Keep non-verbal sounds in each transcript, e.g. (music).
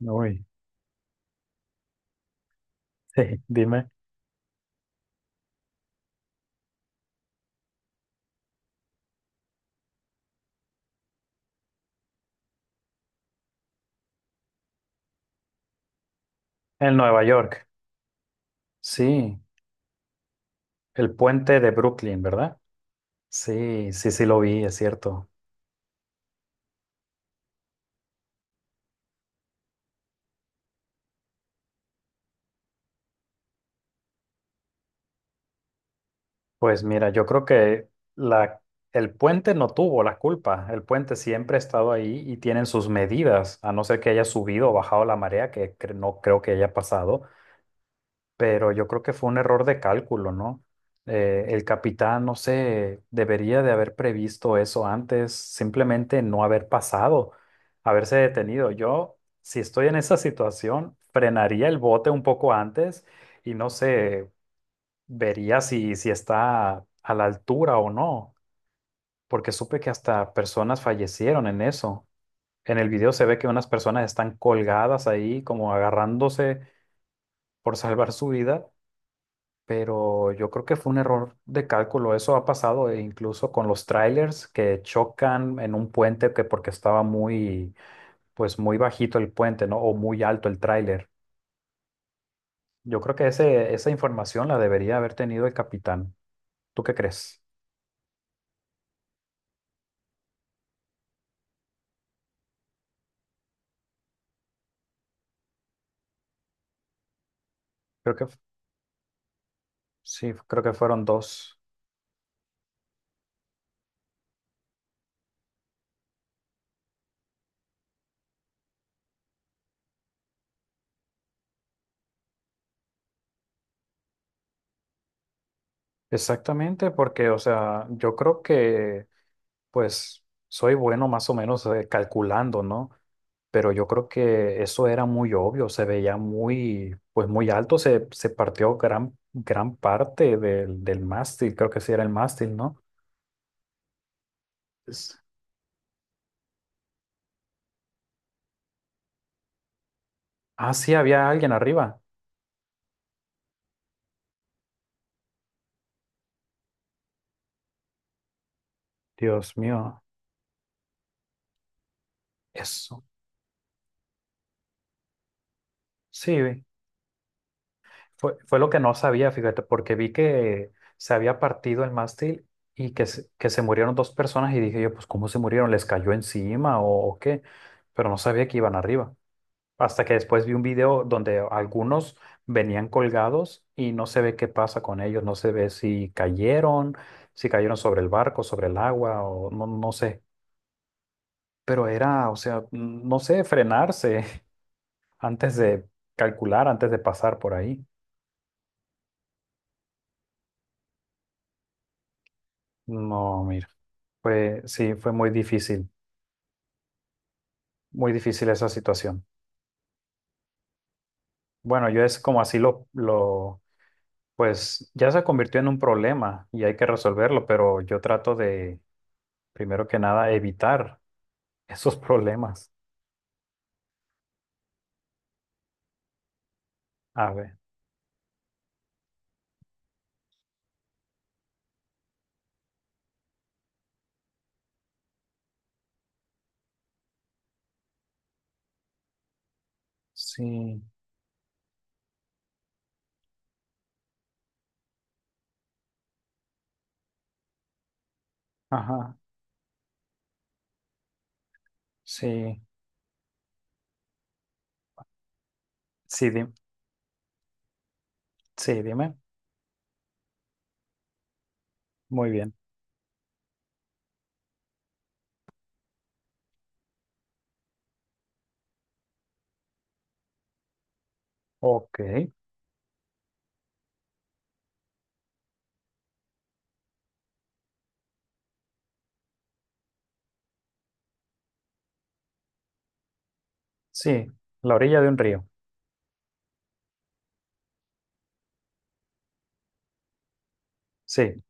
Uy, (laughs) sí, dime. En Nueva York, sí, el puente de Brooklyn, ¿verdad? Sí, sí, sí lo vi, es cierto. Pues mira, yo creo que la, el puente no tuvo la culpa. El puente siempre ha estado ahí y tienen sus medidas, a no ser que haya subido o bajado la marea, que no creo que haya pasado. Pero yo creo que fue un error de cálculo, ¿no? El capitán, no sé, debería de haber previsto eso antes, simplemente no haber pasado, haberse detenido. Yo, si estoy en esa situación, frenaría el bote un poco antes y no sé, vería si está a la altura o no, porque supe que hasta personas fallecieron en eso. En el video se ve que unas personas están colgadas ahí como agarrándose por salvar su vida, pero yo creo que fue un error de cálculo. Eso ha pasado e incluso con los trailers que chocan en un puente que porque estaba muy, pues muy bajito el puente, ¿no? O muy alto el tráiler. Yo creo que esa información la debería haber tenido el capitán. ¿Tú qué crees? Creo que f- sí, creo que fueron dos. Exactamente, porque, o sea, yo creo que pues soy bueno más o menos calculando, ¿no? Pero yo creo que eso era muy obvio, se veía muy, pues muy alto, se partió gran parte del mástil, creo que sí era el mástil, ¿no? Es- Ah, sí, había alguien arriba. Dios mío, eso. Sí, fue, fue lo que no sabía, fíjate, porque vi que se había partido el mástil y que que se murieron dos personas y dije yo, pues ¿cómo se murieron? ¿Les cayó encima o qué? Pero no sabía que iban arriba. Hasta que después vi un video donde algunos venían colgados y no se ve qué pasa con ellos, no se ve si cayeron, si cayeron sobre el barco, sobre el agua o no, no sé. Pero era, o sea, no sé, frenarse (laughs) antes de calcular, antes de pasar por ahí. No, mira, fue, sí, fue muy difícil esa situación. Bueno, yo es como así pues ya se convirtió en un problema y hay que resolverlo, pero yo trato de, primero que nada, evitar esos problemas. A ver. Sí. Ajá. Sí. Sí, di- sí, dime. Muy bien. Ok. Sí. La orilla de un río. Sí.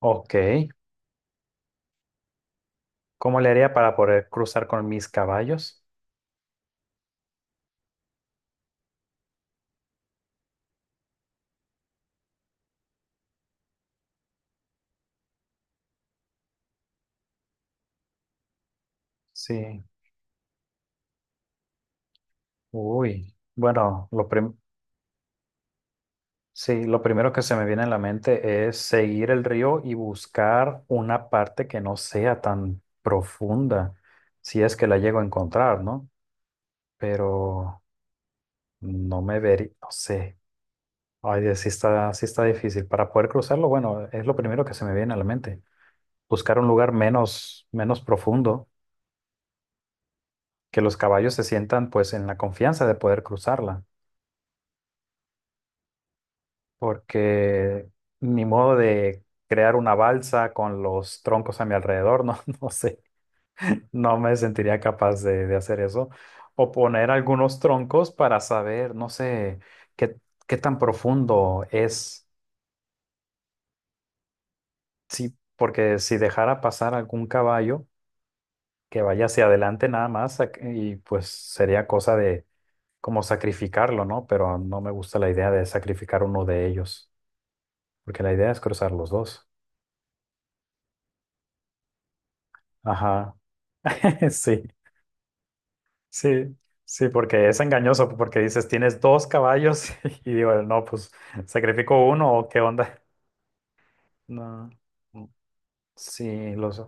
Ok. ¿Cómo le haría para poder cruzar con mis caballos? Sí. Uy. Sí, lo primero que se me viene a la mente es seguir el río y buscar una parte que no sea tan profunda, si es que la llego a encontrar, ¿no? Pero no me vería, no sé. Ay, Dios, sí está difícil. Para poder cruzarlo, bueno, es lo primero que se me viene a la mente. Buscar un lugar menos, menos profundo, que los caballos se sientan pues en la confianza de poder cruzarla, porque ni modo de crear una balsa con los troncos a mi alrededor, no, (laughs) no sé, no me sentiría capaz de hacer eso. O poner algunos troncos para saber, no sé, qué, qué tan profundo es, sí, porque si dejara pasar algún caballo que vaya hacia adelante nada más y pues sería cosa de como sacrificarlo, ¿no? Pero no me gusta la idea de sacrificar uno de ellos, porque la idea es cruzar los dos. Ajá, (laughs) sí, sí, sí, porque es engañoso, porque dices, tienes dos caballos (laughs) y digo, no, pues sacrifico uno o qué onda. No, mm, sí, los...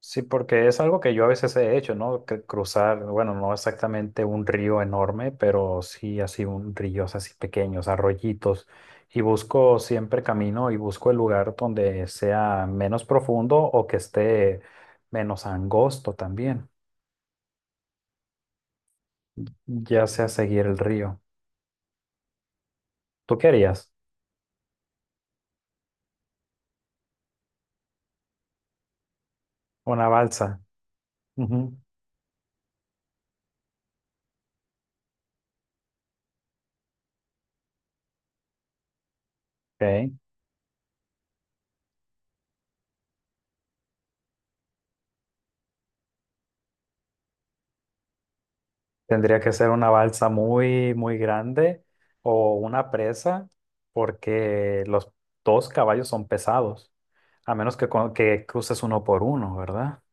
Sí, porque es algo que yo a veces he hecho, ¿no? Que cruzar, bueno, no exactamente un río enorme, pero sí así un ríos así pequeños, arroyitos. Y busco siempre camino y busco el lugar donde sea menos profundo o que esté menos angosto también, ya sea seguir el río. ¿Tú querías una balsa? Ujú, ok. Tendría que ser una balsa muy, muy grande o una presa porque los dos caballos son pesados. A menos que, que cruces uno por uno, ¿verdad?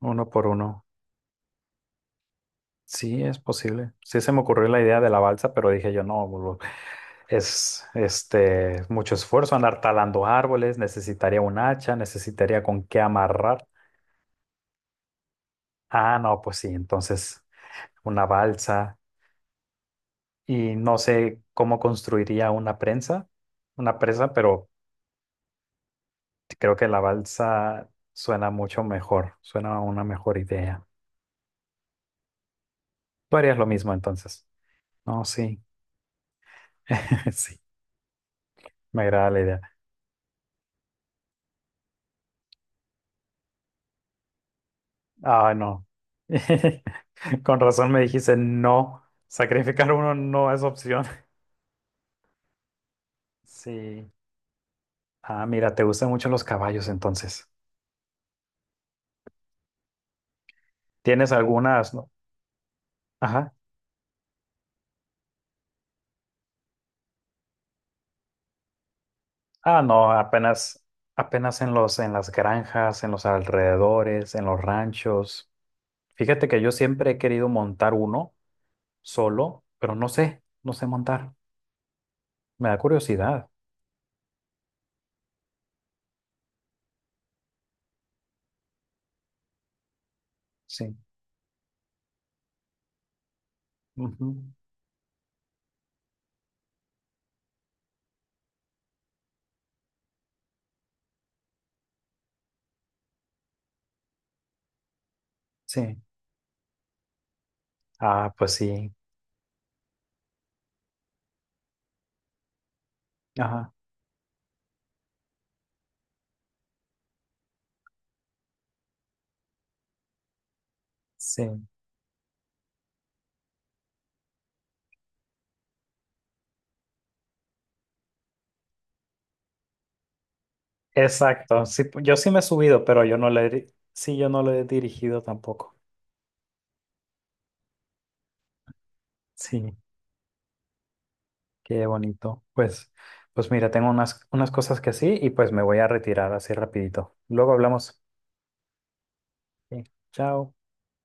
Uno por uno. Sí, es posible. Sí se me ocurrió la idea de la balsa, pero dije yo, no, boludo, es este mucho esfuerzo andar talando árboles, necesitaría un hacha, necesitaría con qué amarrar. Ah, no, pues sí, entonces una balsa y no sé cómo construiría una prensa, una presa, pero creo que la balsa suena mucho mejor, suena a una mejor idea. Tú harías lo mismo entonces. No, sí. (laughs) Sí. Me agrada la idea. Ah, no. (laughs) Con razón me dijiste no. Sacrificar uno no es opción. (laughs) Sí. Ah, mira, te gustan mucho los caballos entonces. ¿Tienes algunas? ¿No? Ajá. Ah, no, apenas, apenas en en las granjas, en los alrededores, en los ranchos. Fíjate que yo siempre he querido montar uno solo, pero no sé, no sé montar. Me da curiosidad. Sí. Ujú. Sí. Ah, pues sí. Ajá. Sí. Exacto. Sí, yo sí me he subido, pero yo no le, sí, yo no lo he dirigido tampoco. Sí, qué bonito. Pues, pues mira, tengo unas, unas cosas que sí y pues me voy a retirar así rapidito. Luego hablamos. Sí, chao.